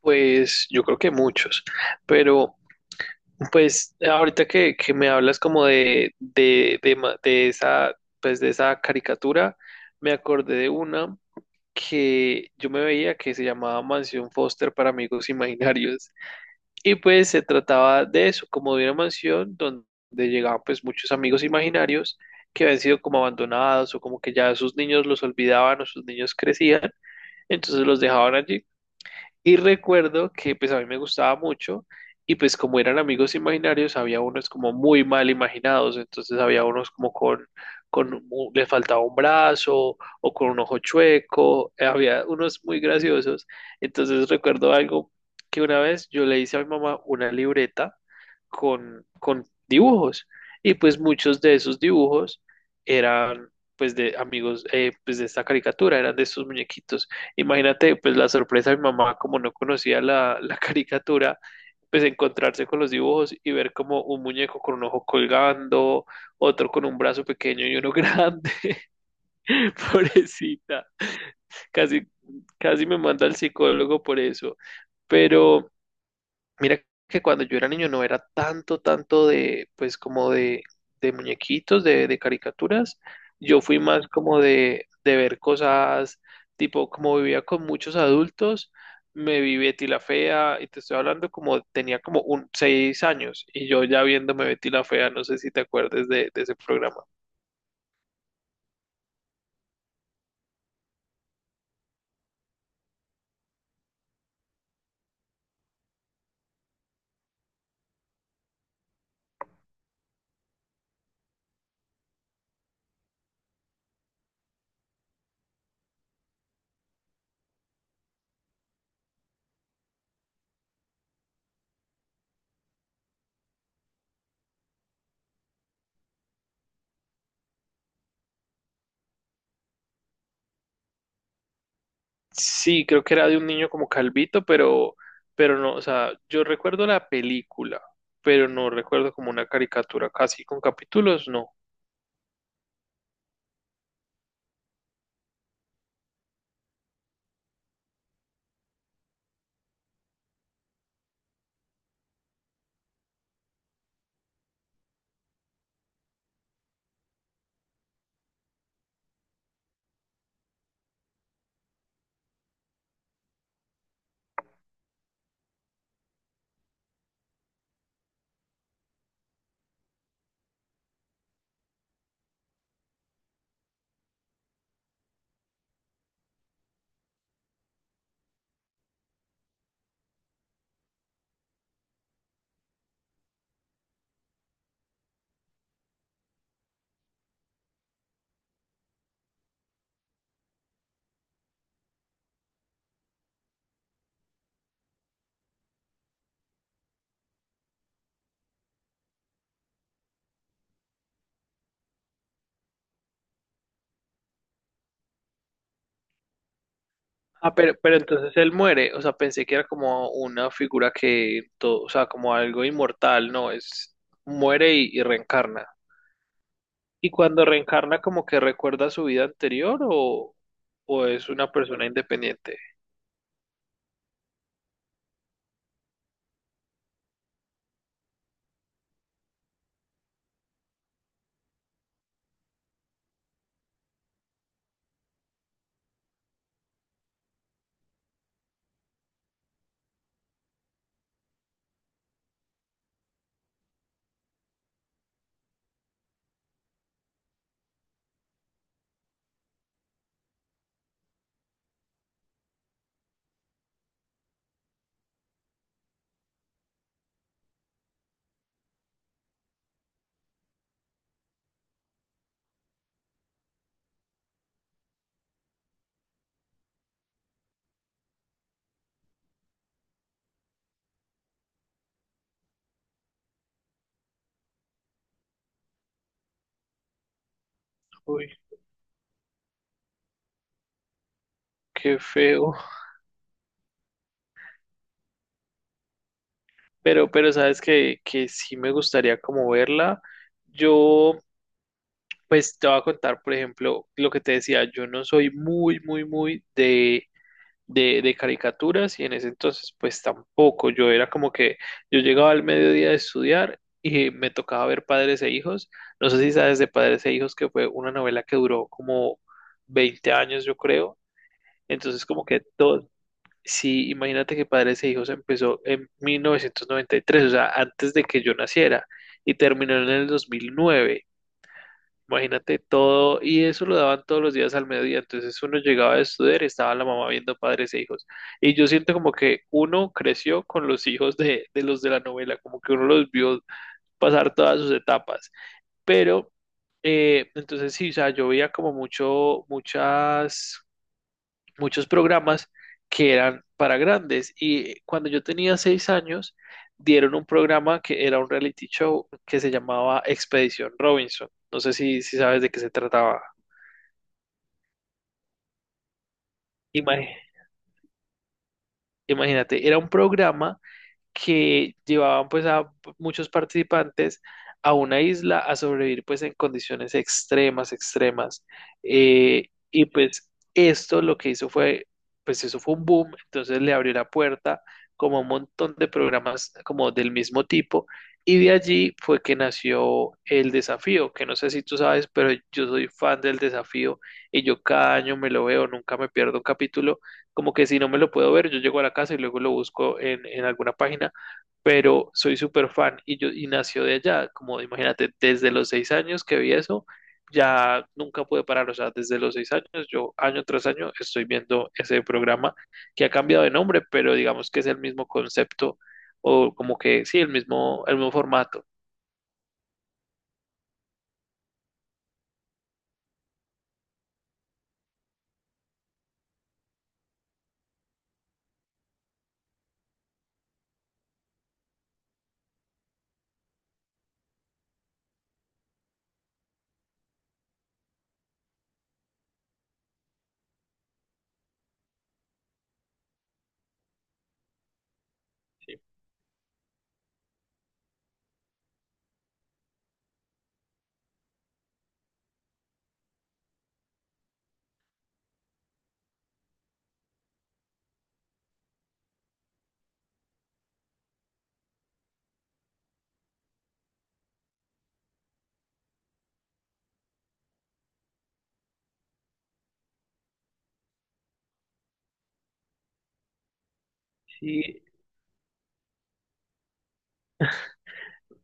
Pues yo creo que muchos, pero pues ahorita que me hablas como de esa, pues de esa caricatura, me acordé de una que yo me veía que se llamaba Mansión Foster para amigos imaginarios. Y pues se trataba de eso, como de una mansión donde llegaban pues muchos amigos imaginarios que habían sido como abandonados o como que ya sus niños los olvidaban o sus niños crecían, entonces los dejaban allí y recuerdo que pues a mí me gustaba mucho y pues como eran amigos imaginarios, había unos como muy mal imaginados, entonces había unos como le faltaba un brazo o con un ojo chueco, había unos muy graciosos. Entonces recuerdo algo que una vez yo le hice a mi mamá una libreta con dibujos y pues muchos de esos dibujos eran pues de amigos, pues de esta caricatura, eran de estos muñequitos. Imagínate, pues la sorpresa de mi mamá, como no conocía la caricatura, pues encontrarse con los dibujos y ver como un muñeco con un ojo colgando, otro con un brazo pequeño y uno grande, pobrecita. Casi, casi me manda al psicólogo por eso. Pero mira que cuando yo era niño no era tanto, tanto de, pues como de muñequitos, de caricaturas. Yo fui más como de ver cosas, tipo, como vivía con muchos adultos, me vi Betty la Fea, y te estoy hablando como tenía como un 6 años, y yo ya viéndome Betty la Fea, no sé si te acuerdas de ese programa. Sí, creo que era de un niño como calvito, pero no, o sea, yo recuerdo la película, pero no recuerdo como una caricatura, casi con capítulos, no. Ah, pero entonces él muere, o sea, pensé que era como una figura que todo, o sea, como algo inmortal, no, es muere y reencarna. ¿Y cuando reencarna como que recuerda su vida anterior o es una persona independiente? Uy, qué feo. Pero sabes que sí me gustaría como verla. Yo, pues te voy a contar, por ejemplo, lo que te decía, yo no soy muy, muy, muy de caricaturas y en ese entonces pues tampoco. Yo era como que yo llegaba al mediodía de estudiar y me tocaba ver Padres e Hijos. No sé si sabes de Padres e Hijos que fue una novela que duró como 20 años yo creo. Entonces como que todo, sí, imagínate que Padres e Hijos empezó en 1993, o sea, antes de que yo naciera y terminó en el 2009. Imagínate todo, y eso lo daban todos los días al mediodía, entonces uno llegaba a estudiar y estaba la mamá viendo Padres e Hijos. Y yo siento como que uno creció con los hijos de los de la novela, como que uno los vio pasar todas sus etapas. Pero, entonces sí, o sea, yo veía como mucho, muchas muchos programas que eran para grandes. Y cuando yo tenía 6 años, dieron un programa que era un reality show que se llamaba Expedición Robinson. No sé si sabes de qué se trataba. Ima- Imagínate, era un programa que llevaban pues a muchos participantes a una isla a sobrevivir pues en condiciones extremas, extremas. Y pues esto lo que hizo fue, pues eso fue un boom, entonces le abrió la puerta como a un montón de programas como del mismo tipo. Y de allí fue que nació el desafío, que no sé si tú sabes, pero yo soy fan del desafío y yo cada año me lo veo, nunca me pierdo un capítulo, como que si no me lo puedo ver, yo llego a la casa y luego lo busco en alguna página, pero soy súper fan y yo y nació de allá, como imagínate, desde los 6 años que vi eso, ya nunca pude parar, o sea, desde los 6 años, yo año tras año estoy viendo ese programa que ha cambiado de nombre, pero digamos que es el mismo concepto o como que sí, el mismo formato. ¿Sí? Y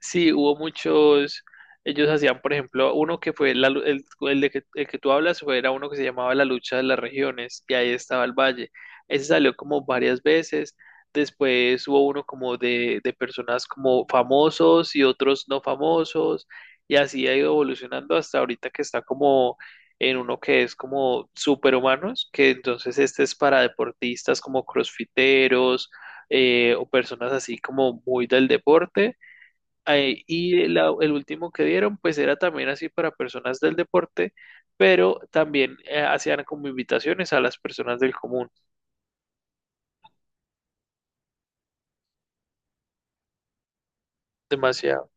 sí, hubo muchos, ellos hacían, por ejemplo, uno que fue el de que, el que tú hablas fue, era uno que se llamaba La lucha de las regiones y ahí estaba el valle. Ese salió como varias veces. Después hubo uno como de personas como famosos y otros no famosos y así ha ido evolucionando hasta ahorita que está como en uno que es como superhumanos, que entonces este es para deportistas como crossfiteros, o personas así como muy del deporte. Ahí, y el último que dieron, pues era también así para personas del deporte, pero también hacían como invitaciones a las personas del común. Demasiado.